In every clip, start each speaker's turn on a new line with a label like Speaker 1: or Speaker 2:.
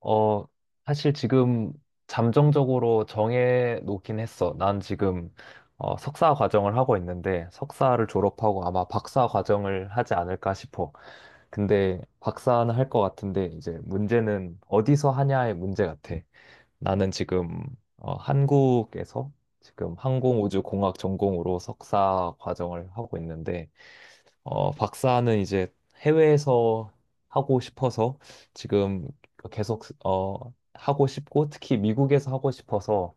Speaker 1: 어, 사실 지금 잠정적으로 정해 놓긴 했어. 난 지금 석사 과정을 하고 있는데 석사를 졸업하고 아마 박사 과정을 하지 않을까 싶어. 근데 박사는 할 것 같은데 이제 문제는 어디서 하냐의 문제 같아. 나는 지금 한국에서 지금 항공우주공학 전공으로 석사 과정을 하고 있는데 박사는 이제 해외에서 하고 싶어서 지금 계속 하고 싶고 특히 미국에서 하고 싶어서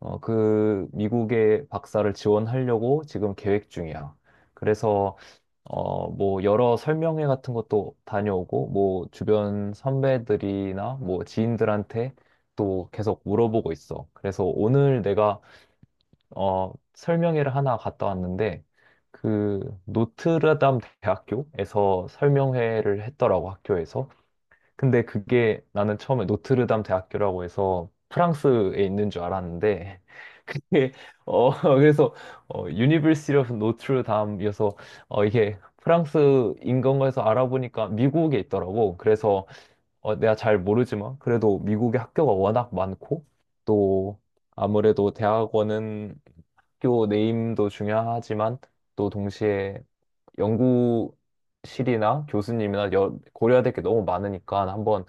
Speaker 1: 그 미국의 박사를 지원하려고 지금 계획 중이야. 그래서 뭐 여러 설명회 같은 것도 다녀오고 뭐 주변 선배들이나 뭐 지인들한테 또 계속 물어보고 있어. 그래서 오늘 내가 설명회를 하나 갔다 왔는데, 그, 노트르담 대학교에서 설명회를 했더라고, 학교에서. 근데 그게 나는 처음에 노트르담 대학교라고 해서 프랑스에 있는 줄 알았는데, 그게, 어, 그래서, University of Notre Dame이어서, 이게 프랑스인 건가 해서 알아보니까 미국에 있더라고. 그래서, 내가 잘 모르지만, 그래도 미국에 학교가 워낙 많고, 또, 아무래도 대학원은 학교 네임도 중요하지만 또 동시에 연구실이나 교수님이나 고려해야 될 게 너무 많으니까 한번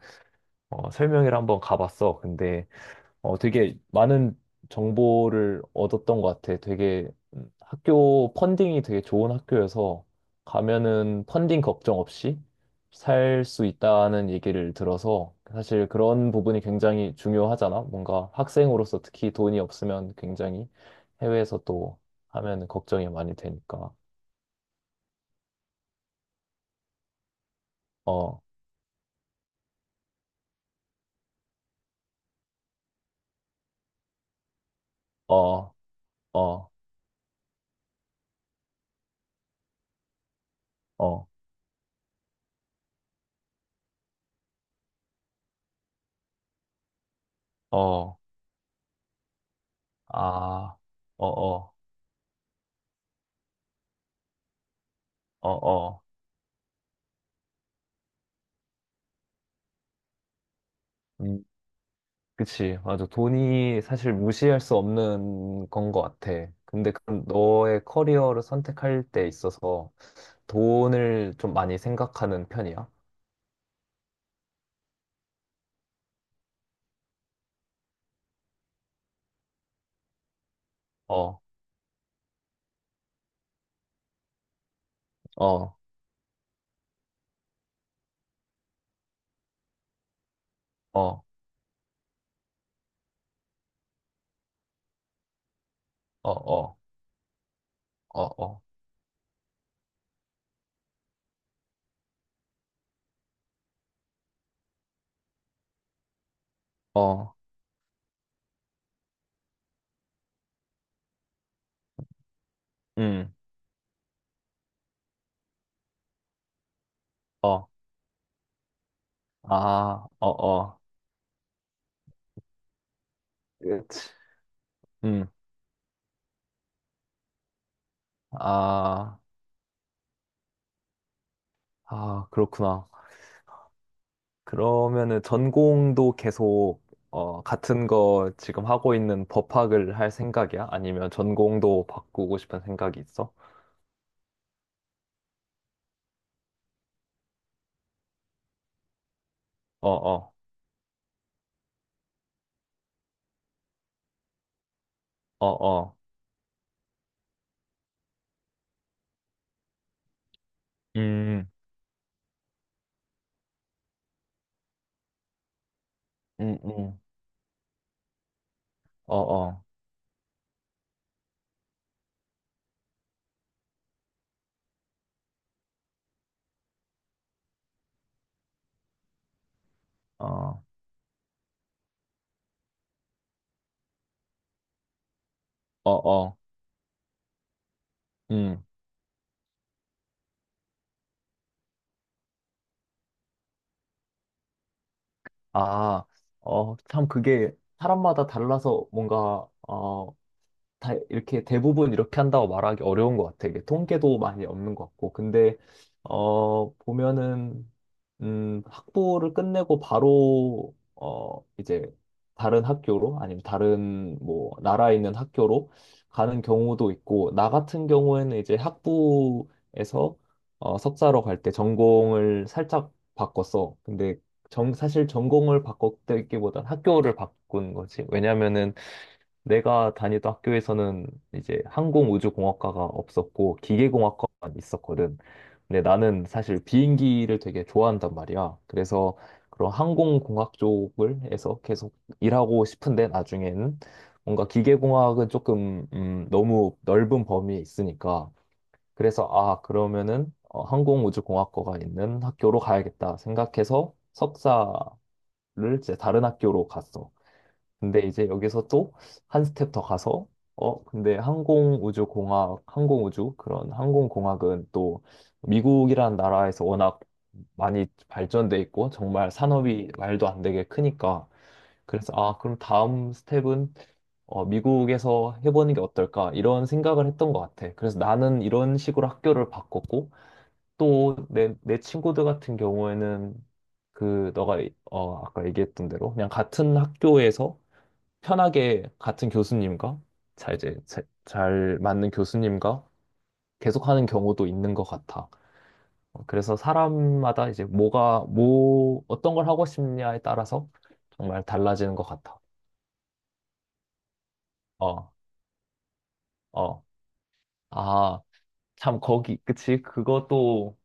Speaker 1: 설명회를 한번 가봤어. 근데 되게 많은 정보를 얻었던 것 같아. 되게 학교 펀딩이 되게 좋은 학교여서 가면은 펀딩 걱정 없이 살 수 있다는 얘기를 들어서 사실 그런 부분이 굉장히 중요하잖아. 뭔가 학생으로서 특히 돈이 없으면 굉장히 해외에서 또 하면 걱정이 많이 되니까. 어, 어, 어, 어, 어, 아, 어, 어, 어, 어. 음. 그치, 맞아. 돈이 사실 무시할 수 없는 건 것 같아. 근데 그럼 너의 커리어를 선택할 때 있어서 돈을 좀 많이 생각하는 편이야? 어, 어, 어, 어, 어, 어, 어, 어, 음, 어, 아, 어, 어, 그치. 음, 아, 아, 그렇구나. 그러면은 전공도 계속 같은 거 지금 하고 있는 법학을 할 생각이야? 아니면 전공도 바꾸고 싶은 생각이 있어? 어, 어, 어, 어, 음, 음, 음, 어, 어, 어, 어, 어, 음, 아, 참 그게 사람마다 달라서 뭔가, 다 이렇게 대부분 이렇게 한다고 말하기 어려운 것 같아. 이게 통계도 많이 없는 것 같고. 근데, 보면은, 학부를 끝내고 바로, 이제 다른 학교로, 아니면 다른 뭐, 나라에 있는 학교로 가는 경우도 있고, 나 같은 경우에는 이제 학부에서 석사로 갈 때 전공을 살짝 바꿨어. 근데 사실 전공을 바꿨다기보단 학교를 바꾼 거지. 왜냐면은 내가 다니던 학교에서는 이제 항공우주공학과가 없었고 기계공학과만 있었거든. 근데 나는 사실 비행기를 되게 좋아한단 말이야. 그래서 그런 항공공학 쪽을 해서 계속 일하고 싶은데 나중에는 뭔가 기계공학은 조금 너무 넓은 범위에 있으니까 그래서 아 그러면은 항공우주공학과가 있는 학교로 가야겠다 생각해서 석사를 이제 다른 학교로 갔어. 근데 이제 여기서 또 한 스텝 더 가서 근데 항공우주공학 항공우주 그런 항공공학은 또 미국이라는 나라에서 워낙 많이 발전돼 있고 정말 산업이 말도 안 되게 크니까 그래서 아 그럼 다음 스텝은 미국에서 해보는 게 어떨까 이런 생각을 했던 것 같아. 그래서 나는 이런 식으로 학교를 바꿨고 또 내 친구들 같은 경우에는 그 너가 아까 얘기했던 대로 그냥 같은 학교에서 편하게 같은 교수님과 잘 이제 잘 맞는 교수님과 계속하는 경우도 있는 것 같아. 그래서 사람마다 이제 뭐가 뭐 어떤 걸 하고 싶냐에 따라서 정말 달라지는 것 같아. 어, 어, 아, 참 거기 그치? 그것도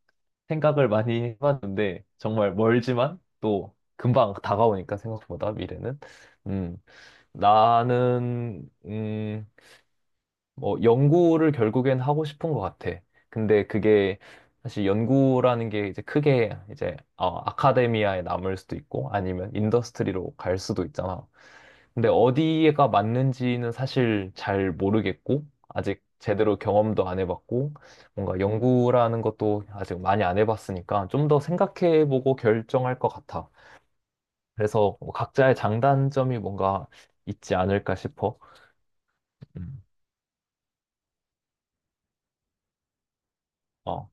Speaker 1: 생각을 많이 해봤는데 정말 멀지만 또 금방 다가오니까 생각보다 미래는 음 나는 뭐 연구를 결국엔 하고 싶은 것 같아. 근데 그게 사실 연구라는 게 이제 크게 이제 아카데미아에 남을 수도 있고 아니면 인더스트리로 갈 수도 있잖아. 근데 어디가 맞는지는 사실 잘 모르겠고 아직 제대로 경험도 안 해봤고 뭔가 연구라는 것도 아직 많이 안 해봤으니까 좀 더 생각해보고 결정할 것 같아. 그래서 뭐 각자의 장단점이 뭔가 있지 않을까 싶어. 음. 어.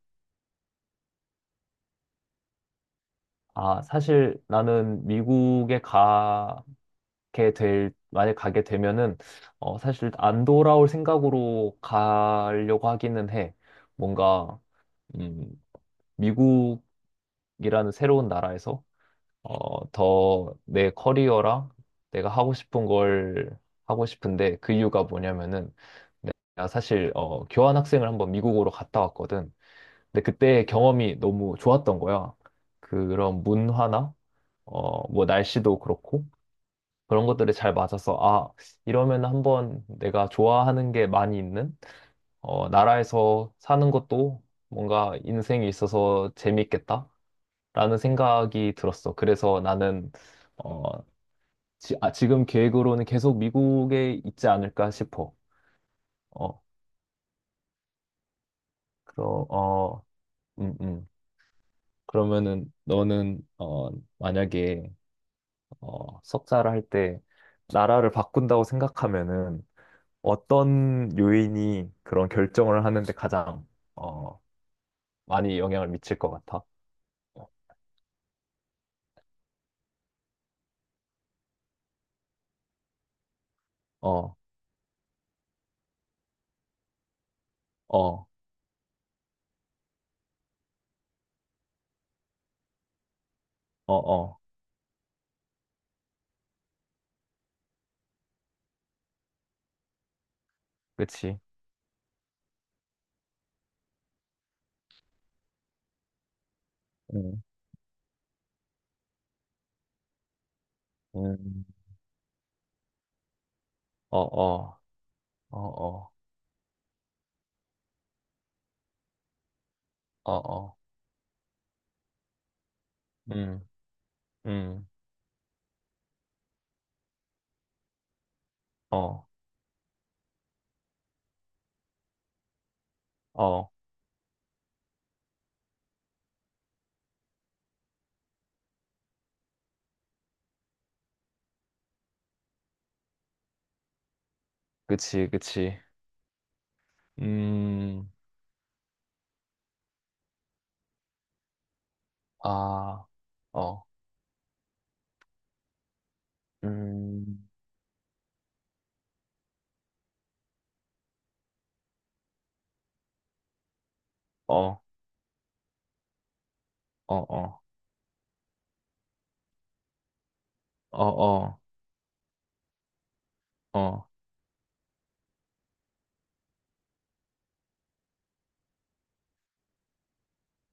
Speaker 1: 아, 사실 나는 미국에 만약 가게 되면은, 사실 안 돌아올 생각으로 가려고 하기는 해. 뭔가, 음, 미국이라는 새로운 나라에서, 더 내 커리어랑 내가 하고 싶은 걸 하고 싶은데 그 이유가 뭐냐면은, 내가 사실, 교환학생을 한번 미국으로 갔다 왔거든. 근데 그때 경험이 너무 좋았던 거야. 그런 문화나, 뭐 날씨도 그렇고 그런 것들이 잘 맞아서 아, 이러면 한번 내가 좋아하는 게 많이 있는 나라에서 사는 것도 뭔가 인생에 있어서 재밌겠다라는 생각이 들었어. 그래서 나는 어, 지금 계획으로는 계속 미국에 있지 않을까 싶어. 어, 그럼 음, 음. 그러면은 너는 만약에 석사를 할 때 나라를 바꾼다고 생각하면은 어떤 요인이 그런 결정을 하는데 가장 어, 많이 영향을 미칠 것 같아? 어, 어, 어, 어, 그치. 음, 음, 어, 어, 어, 어, 어, 어, 음, 음, 어, 어, 그치, 그치. 음, 아, 어, 음, 어, 어, 어, 어, 어, 어,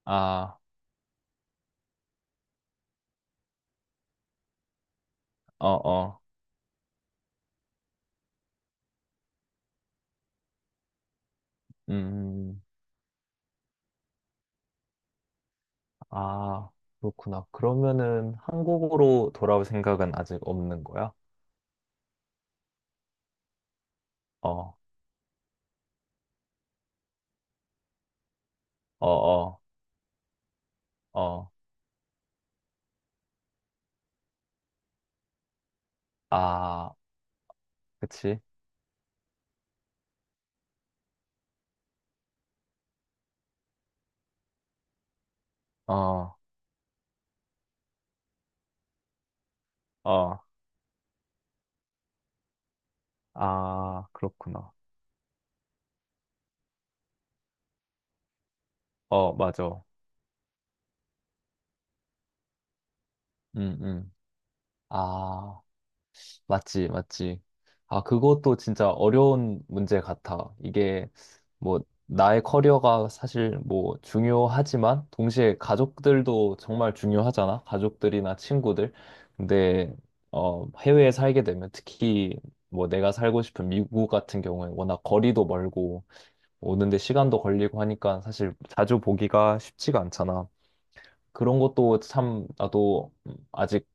Speaker 1: 아, 어, 어, 음. 아, 그렇구나. 그러면은 한국으로 돌아올 생각은 아직 없는 거야? 어, 어, 어, 어. 아, 그치? 어, 어. 아, 그렇구나. 어, 맞아. 음, 음. 아. 맞지, 맞지. 아, 그것도 진짜 어려운 문제 같아. 이게 뭐 나의 커리어가 사실 뭐 중요하지만 동시에 가족들도 정말 중요하잖아. 가족들이나 친구들. 근데 해외에 살게 되면 특히 뭐 내가 살고 싶은 미국 같은 경우에 워낙 거리도 멀고 오는데 시간도 걸리고 하니까 사실 자주 보기가 쉽지가 않잖아. 그런 것도 참 나도 아직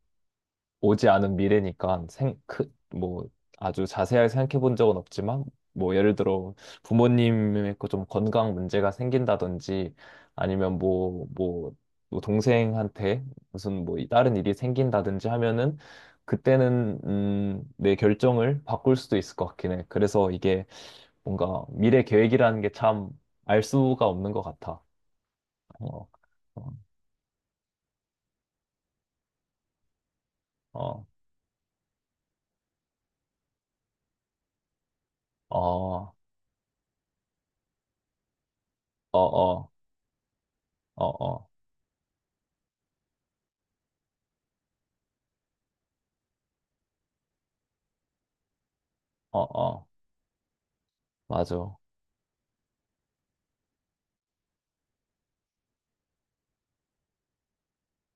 Speaker 1: 오지 않은 미래니까 뭐 아주 자세하게 생각해 본 적은 없지만 뭐 예를 들어 부모님의 그좀 건강 문제가 생긴다든지 아니면 뭐, 뭐, 뭐 동생한테 무슨 뭐 다른 일이 생긴다든지 하면은 그때는 내 결정을 바꿀 수도 있을 것 같긴 해. 그래서 이게 뭔가 미래 계획이라는 게 참 알 수가 없는 것 같아. 어, 어, 어, 어, 어, 어, 어, 어, 어, 어, 맞아.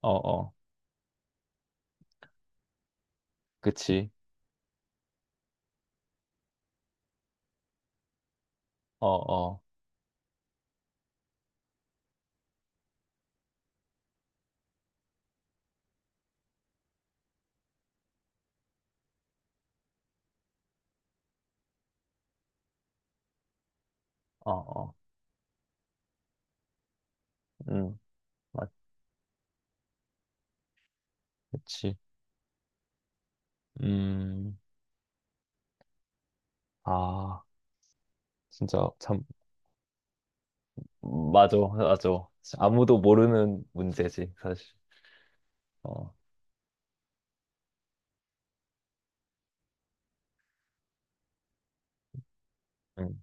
Speaker 1: 어, 어, 그치. 어, 어, 어, 어, 음, 맞, 그치. 음, 아, 진짜 참, 맞아, 맞아. 아무도 모르는 문제지, 사실. 어, 음,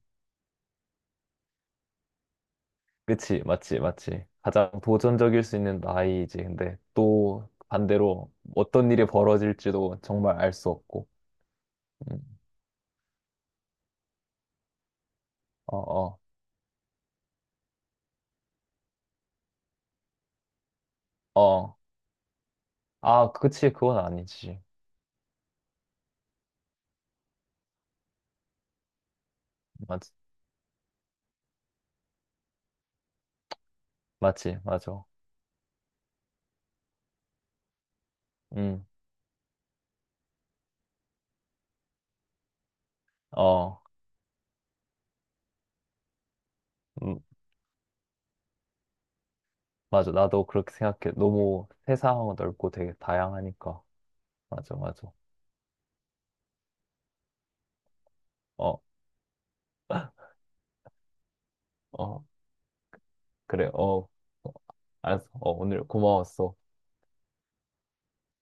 Speaker 1: 그치, 맞지, 맞지. 가장 도전적일 수 있는 나이지. 근데 또 반대로 어떤 일이 벌어질지도 정말 알 수 없고. 음, 어, 어, 어. 아, 그치, 그건 아니지. 맞, 맞지, 맞아. 음, 어. 음, 맞아. 나도 그렇게 생각해. 너무 세상 넓고 되게 다양하니까. 맞아, 맞아. 어, 어, 그래. 어, 어, 알았어. 오늘 고마웠어.